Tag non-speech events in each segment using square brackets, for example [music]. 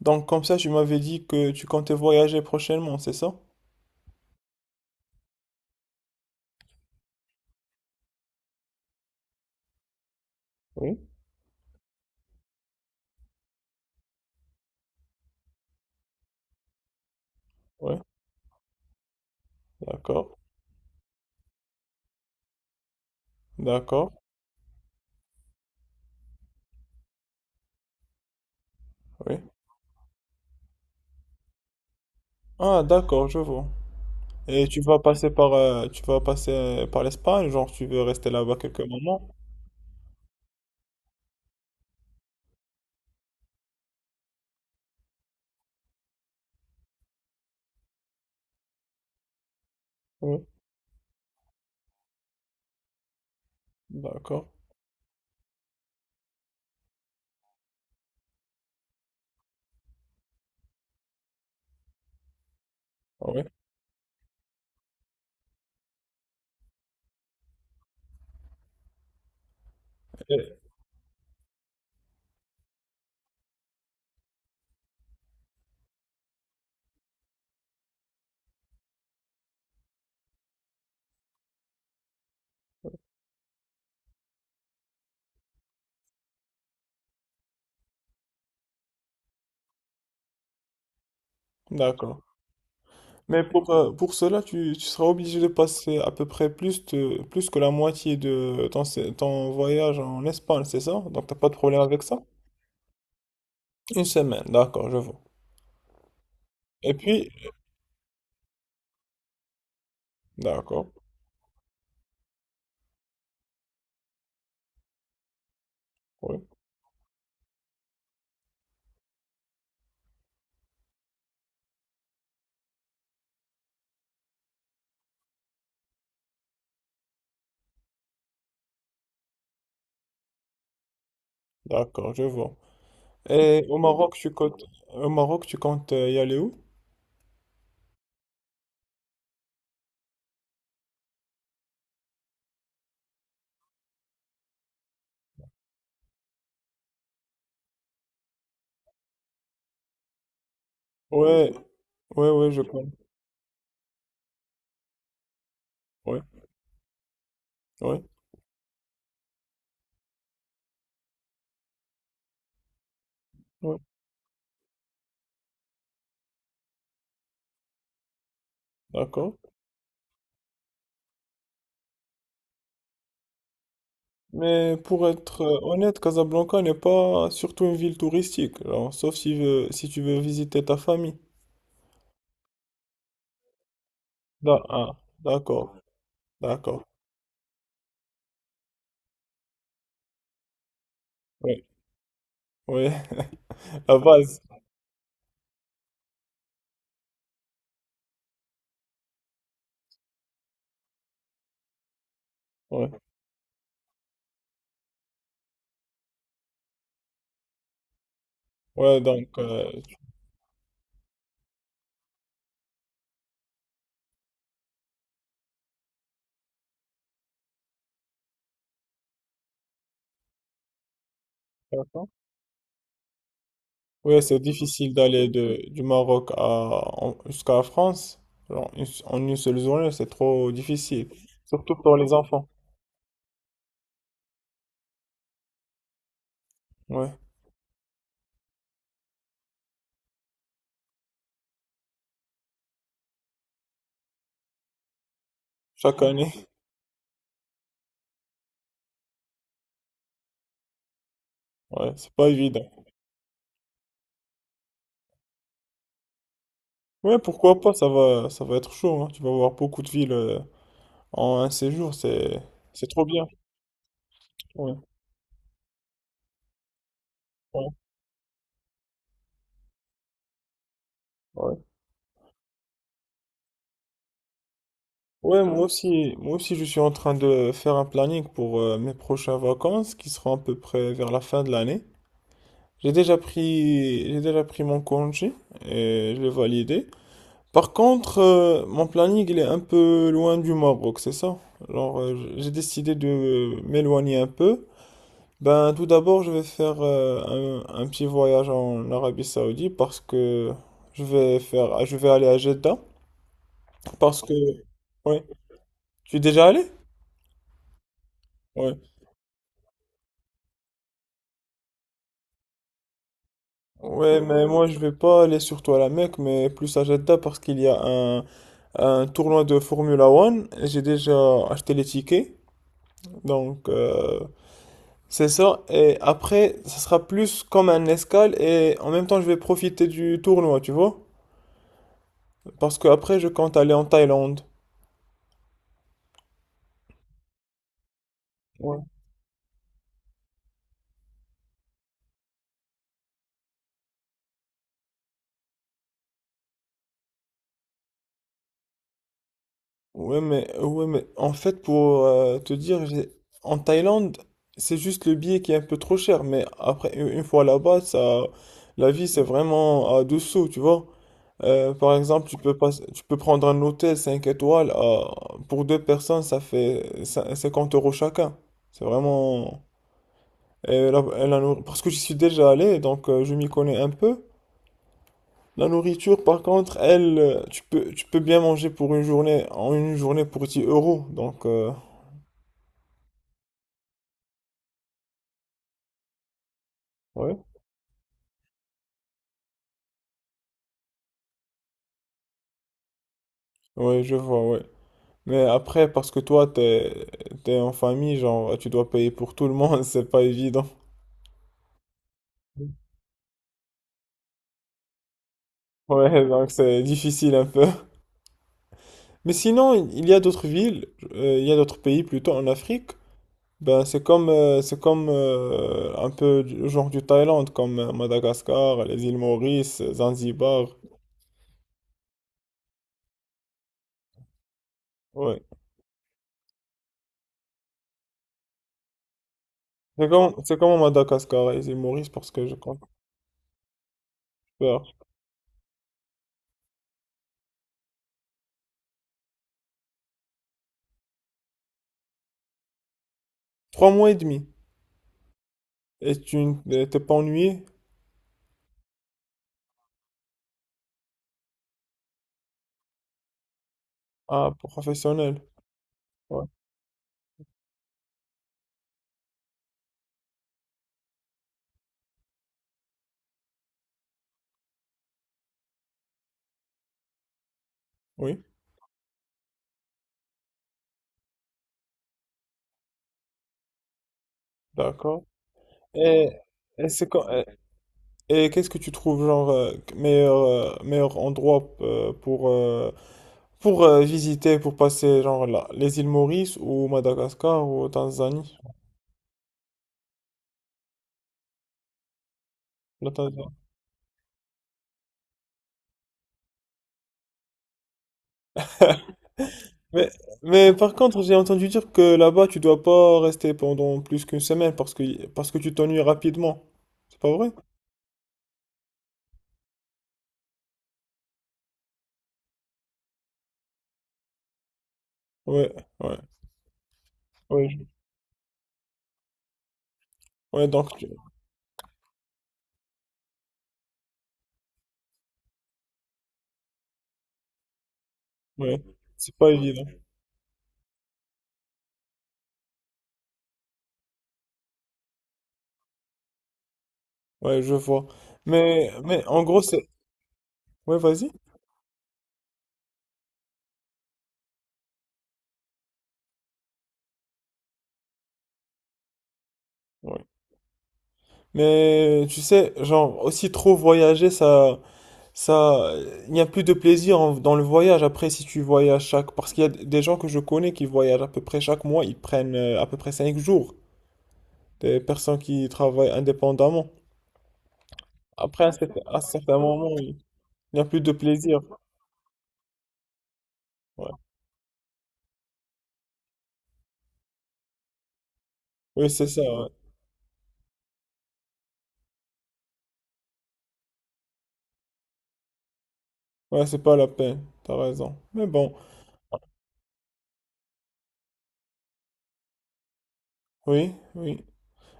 Donc comme ça, tu m'avais dit que tu comptais voyager prochainement, c'est ça? Oui. Oui, d'accord, d'accord, oui. Ah, d'accord, je vois. Et tu vas passer par, tu vas passer par l'Espagne, genre tu veux rester là-bas quelques moments? Oui. D'accord, oui. Et- d'accord. Mais pour cela, tu seras obligé de passer à peu près plus, de, plus que la moitié de ton, ton voyage en Espagne, c'est ça? Donc t'as pas de problème avec ça? Une semaine, d'accord, je vois. Et puis, d'accord, oui, d'accord, je vois. Et au Maroc, au Maroc, tu comptes y aller où? Ouais, ouais, ouais, je compte. Ouais, ouais, ouais, d'accord. Mais pour être honnête, Casablanca n'est pas surtout une ville touristique, alors, sauf si, si tu veux visiter ta famille. Ah, d'accord, d'accord. Ouais, ouais, [laughs] la base. Ouais, ouais, donc, d'accord. Oui, c'est difficile d'aller de, du Maroc à, jusqu'à la France. Alors, en une seule journée, c'est trop difficile. Surtout pour les enfants. Ouais, chaque année. Ouais, c'est pas évident. Ouais, pourquoi pas, ça va être chaud, hein. Tu vas voir beaucoup de villes en un séjour. C'est trop bien. Ouais, ouais, ouais. Ouais, moi aussi, je suis en train de faire un planning pour mes prochaines vacances qui seront à peu près vers la fin de l'année. J'ai déjà pris mon congé et je l'ai validé. Par contre, mon planning, il est un peu loin du Maroc, c'est ça? Alors, j'ai décidé de m'éloigner un peu. Ben, tout d'abord, je vais faire un petit voyage en Arabie Saoudite parce que je vais aller à Jeddah parce que, ouais. Tu es déjà allé? Ouais. Ouais, mais moi, je vais pas aller surtout à la Mecque, mais plus à Jeddah parce qu'il y a un tournoi de Formula One. J'ai déjà acheté les tickets, donc, c'est ça. Et après, ça sera plus comme un escale, et en même temps, je vais profiter du tournoi, tu vois? Parce que après, je compte aller en Thaïlande. Ouais. Ouais, mais en fait, pour te dire, en Thaïlande, c'est juste le billet qui est un peu trop cher, mais après, une fois là-bas, ça, la vie, c'est vraiment à deux sous, tu vois? Par exemple, tu peux pas, tu peux prendre un hôtel 5 étoiles, pour deux personnes, ça fait 50 € chacun. C'est vraiment. Et parce que j'y suis déjà allé, donc je m'y connais un peu. La nourriture, par contre, elle, tu peux bien manger en une journée pour 10 euros. Donc, ouais. Ouais, je vois, ouais. Mais après, parce que t'es en famille, genre, tu dois payer pour tout le monde, [laughs] c'est pas évident. Ouais, donc c'est difficile un peu. Mais sinon, il y a d'autres pays plutôt en Afrique. Ben, c'est comme un peu du genre du Thaïlande, comme Madagascar, les îles Maurice, Zanzibar. Ouais. C'est comme Madagascar et les îles Maurice parce que je compte faire trois mois et demi. Et t'es pas ennuyé? Ah, professionnel. Ouais. Oui, d'accord. Et, et c'est quand, et qu'est-ce que tu trouves genre meilleur endroit pour visiter, pour passer genre là, les îles Maurice ou Madagascar ou Tanzanie? L'Ontario. Mais, mais par contre, j'ai entendu dire que là-bas, tu dois pas rester pendant plus qu'une semaine parce que tu t'ennuies rapidement. C'est pas vrai? Ouais, ouais, ouais. Je- ouais, donc, tu- ouais, c'est pas évident. Ouais, je vois. Mais en gros, c'est... Ouais, vas-y. Ouais. Mais tu sais, genre, aussi trop voyager, ça... ça, il n'y a plus de plaisir dans le voyage après si tu voyages chaque... Parce qu'il y a des gens que je connais qui voyagent à peu près chaque mois, ils prennent à peu près 5 jours. Des personnes qui travaillent indépendamment. Après, à à certains moments, il n'y a plus de plaisir. Ouais. Oui, c'est ça. Ouais, ouais, c'est pas la peine. T'as raison. Mais bon, oui, oui.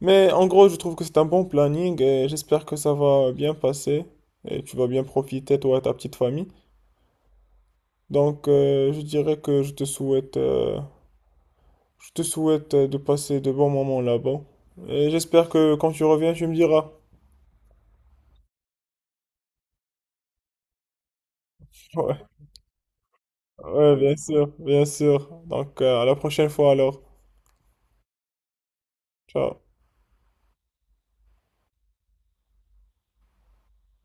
Mais en gros, je trouve que c'est un bon planning et j'espère que ça va bien passer et tu vas bien profiter, toi et ta petite famille. Donc, je dirais que je te souhaite de passer de bons moments là-bas. Et j'espère que quand tu reviens, tu me diras. [laughs] Ouais, ouais, bien sûr, bien sûr. Donc, à la prochaine fois alors. Ciao.